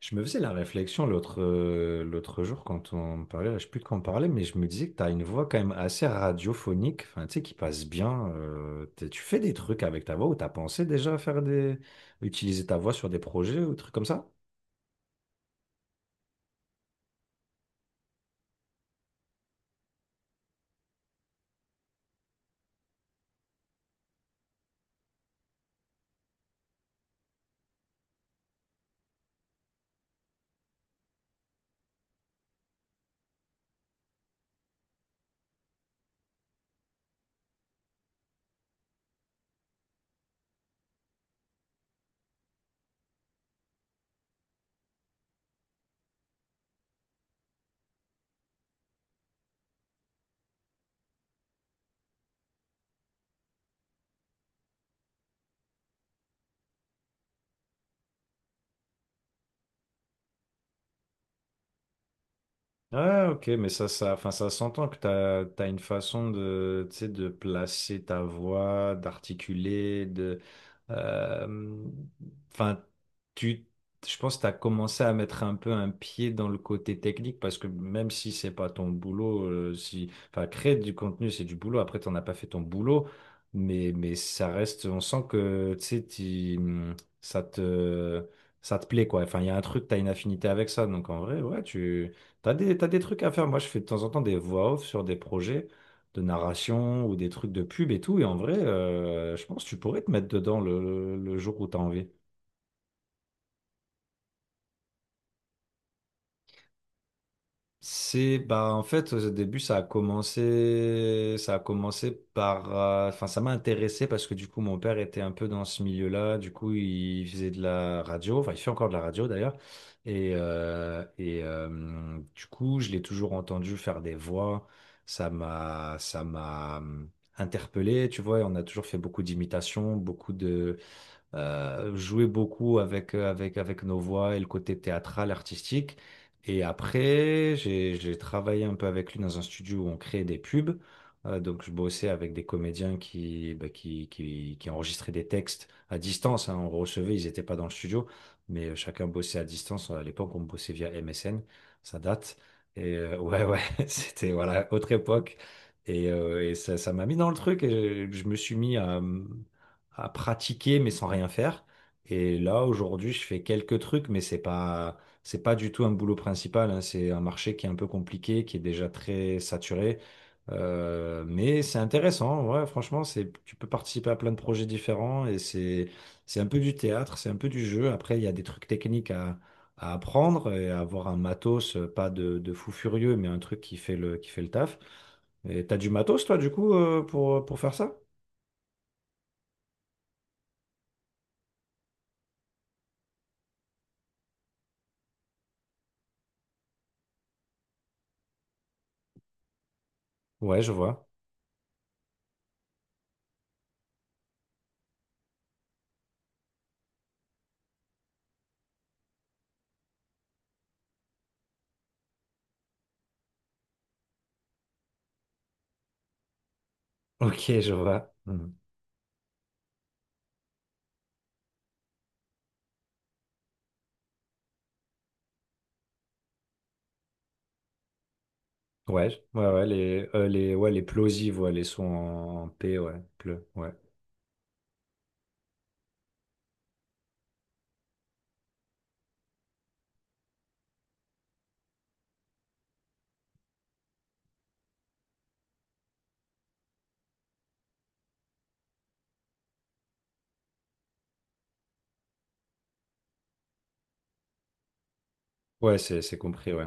Je me faisais la réflexion l'autre l'autre jour quand on parlait, là, je sais plus de quoi on parlait, mais je me disais que tu as une voix quand même assez radiophonique, enfin, tu sais, qui passe bien. Tu fais des trucs avec ta voix ou tu as pensé déjà à faire utiliser ta voix sur des projets ou des trucs comme ça? Ah, ok, mais enfin, ça s'entend que t'as une façon de, tu sais, de placer ta voix, d'articuler, euh, enfin, tu, je pense que t'as commencé à mettre un peu un pied dans le côté technique parce que même si c'est pas ton boulot, si, enfin, créer du contenu, c'est du boulot. Après, t'en as pas fait ton boulot, mais ça reste, on sent que, tu sais, ça ça te plaît, quoi. Enfin, il y a un truc, t'as une affinité avec ça, donc en vrai, ouais, tu t'as des trucs à faire. Moi, je fais de temps en temps des voix off sur des projets de narration ou des trucs de pub et tout. Et en vrai, je pense que tu pourrais te mettre dedans le jour où t'as envie. C'est bah en fait au début ça a commencé par enfin ça m'a intéressé parce que du coup mon père était un peu dans ce milieu-là, du coup il faisait de la radio, enfin il fait encore de la radio d'ailleurs. Et du coup je l'ai toujours entendu faire des voix. Ça m'a interpellé, tu vois, et on a toujours fait beaucoup d'imitations, beaucoup de jouer beaucoup avec, avec nos voix et le côté théâtral, artistique. Et après, j'ai travaillé un peu avec lui dans un studio où on créait des pubs. Donc, je bossais avec des comédiens qui, bah, qui enregistraient des textes à distance, hein. On recevait, ils n'étaient pas dans le studio, mais chacun bossait à distance. À l'époque, on bossait via MSN, ça date. Et ouais, ouais, c'était voilà, autre époque. Et ça, ça m'a mis dans le truc et je me suis mis à pratiquer mais sans rien faire. Et là, aujourd'hui, je fais quelques trucs, mais c'est pas du tout un boulot principal, hein. C'est un marché qui est un peu compliqué, qui est déjà très saturé. Mais c'est intéressant. Ouais, franchement, c'est, tu peux participer à plein de projets différents et c'est un peu du théâtre, c'est un peu du jeu. Après, il y a des trucs techniques à apprendre et à avoir un matos, pas de fou furieux, mais un truc qui fait qui fait le taf. Et t'as du matos, toi, du coup, pour faire ça? Ouais, je vois. Ok, je vois. Hmm. Ouais, ouais, ouais, ouais, les plosives, ouais, les sons en P, ouais, pleu, ouais. Ouais, c'est compris, ouais.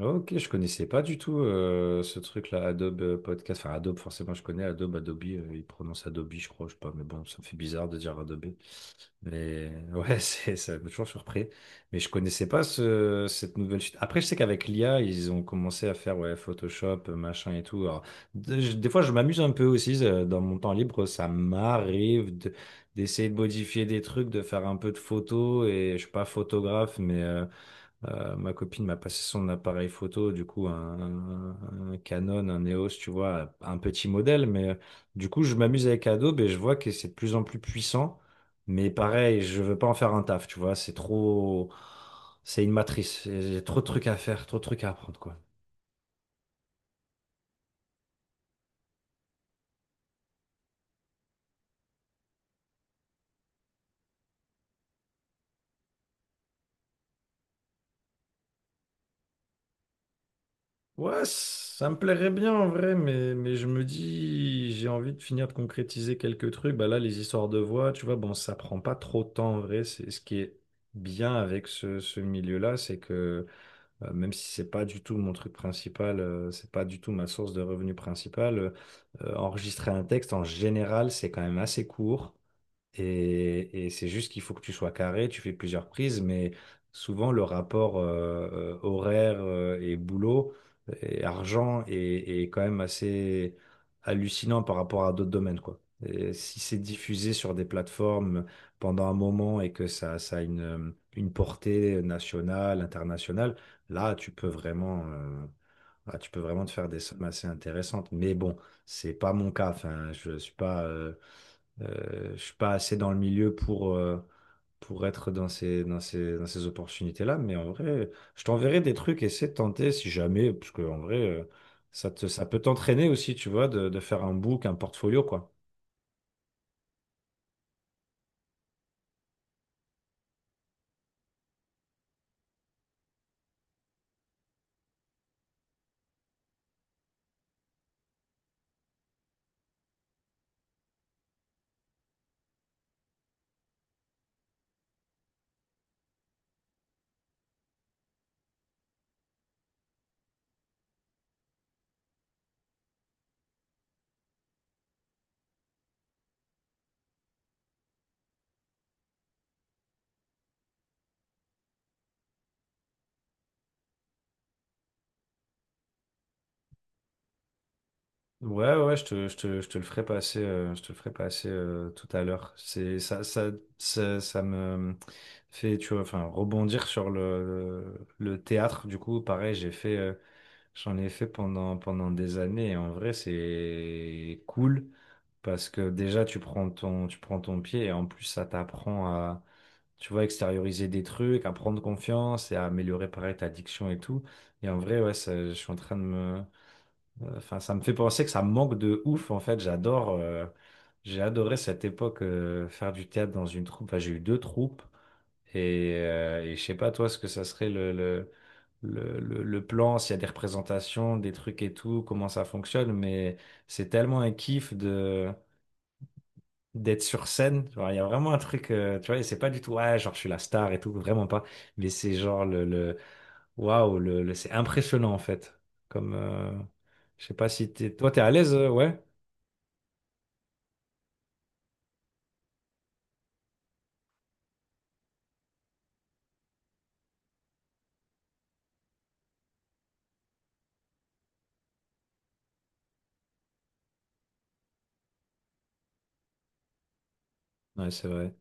Ok, je connaissais pas du tout ce truc-là, Adobe Podcast. Enfin, Adobe, forcément, je connais Adobe, ils prononcent Adobe, je crois, je sais pas, mais bon, ça me fait bizarre de dire Adobe. Mais ouais, c'est, ça m'a toujours surpris. Mais je connaissais pas cette nouvelle suite. Après, je sais qu'avec l'IA, ils ont commencé à faire ouais, Photoshop, machin et tout. Alors, des fois, je m'amuse un peu aussi dans mon temps libre. D'essayer de modifier des trucs, de faire un peu de photos. Et je suis pas photographe, mais ma copine m'a passé son appareil photo, du coup un Canon, un EOS, tu vois, un petit modèle, mais du coup je m'amuse avec Adobe et je vois que c'est de plus en plus puissant, mais pareil, je veux pas en faire un taf, tu vois, c'est une matrice, j'ai trop de trucs à faire, trop de trucs à apprendre, quoi. Ouais, ça me plairait bien en vrai, mais je me dis, j'ai envie de finir de concrétiser quelques trucs. Bah là, les histoires de voix, tu vois, bon, ça prend pas trop de temps en vrai. C'est ce qui est bien avec ce milieu-là, c'est que même si c'est pas du tout mon truc principal, c'est pas du tout ma source de revenus principale, enregistrer un texte en général, c'est quand même assez court. Et c'est juste qu'il faut que tu sois carré, tu fais plusieurs prises, mais souvent le rapport horaire et boulot et argent est quand même assez hallucinant par rapport à d'autres domaines, quoi. Et si c'est diffusé sur des plateformes pendant un moment et que ça a une portée nationale, internationale, là, tu peux là, tu peux vraiment te faire des sommes assez intéressantes. Mais bon, c'est pas mon cas. Enfin, je suis pas assez dans le milieu pour être dans dans ces opportunités-là, mais en vrai, je t'enverrai des trucs, essaie de tenter si jamais, parce que en vrai, ça te, ça peut t'entraîner aussi, tu vois, de faire un book, un portfolio, quoi. Ouais, ouais, je te le ferai passer, je te le ferai passer tout à l'heure. C'est ça, ça me fait, tu vois, enfin, rebondir sur le théâtre. Du coup, pareil, j'ai fait, j'en ai fait pendant, pendant des années et en vrai, c'est cool parce que déjà, tu prends ton pied et en plus, ça t'apprend à, tu vois, extérioriser des trucs, à prendre confiance et à améliorer pareil ta diction et tout. Et en vrai, ouais, je suis en train de me, enfin, ça me fait penser que ça me manque de ouf. En fait, j'adore, j'ai adoré cette époque, faire du théâtre dans une troupe. Enfin, j'ai eu deux troupes. Et je sais pas toi ce que ça serait le plan, s'il y a des représentations, des trucs et tout, comment ça fonctionne, mais c'est tellement un kiff de d'être sur scène. Genre, il y a vraiment un truc, tu vois, et c'est pas du tout, ouais, genre je suis la star et tout, vraiment pas. Mais c'est genre le waouh, c'est impressionnant en fait. Comme, je sais pas si toi t'es à l'aise, ouais? Ouais, c'est vrai.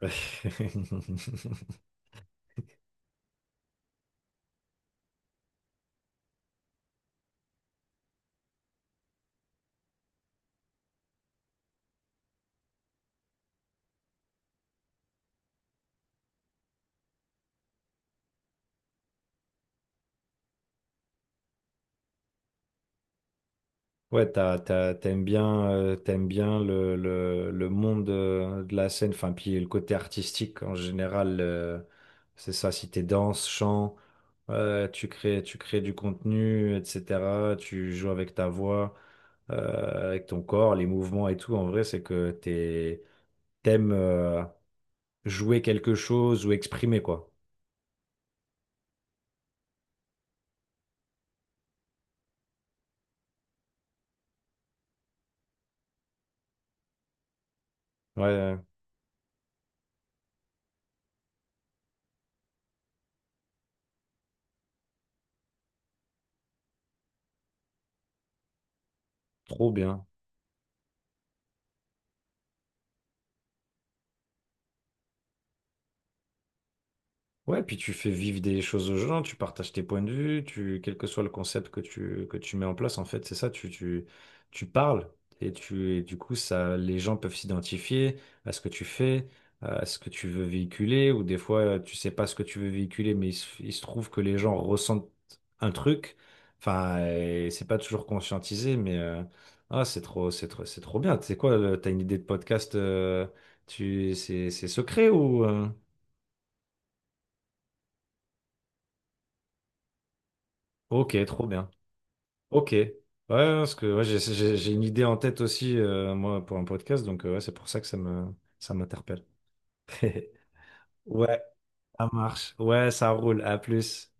Ouais, t'aimes bien le monde de la scène, enfin, puis le côté artistique en général, c'est ça, si t'es danse, chant, tu crées du contenu, etc., tu joues avec ta voix, avec ton corps, les mouvements et tout, en vrai, c'est que t'es, t'aimes jouer quelque chose ou exprimer, quoi. Ouais, trop bien. Ouais, puis tu fais vivre des choses aux gens, tu partages tes points de vue, tu, quel que soit le concept que que tu mets en place, en fait, c'est ça, tu parles et tu, et du coup, ça, les gens peuvent s'identifier à ce que tu fais, à ce que tu veux véhiculer, ou des fois, tu sais pas ce que tu veux véhiculer, mais il se trouve que les gens ressentent un truc, enfin, et c'est pas toujours conscientisé, mais, ah, c'est trop bien. Tu sais quoi, t'as une idée de podcast, c'est secret ou, ok, trop bien. Ok. Ouais, ouais, parce que ouais, j'ai une idée en tête aussi, moi, pour un podcast, donc ouais, c'est pour ça que ça m'interpelle. Ouais, ça marche. Ouais, ça roule. À plus.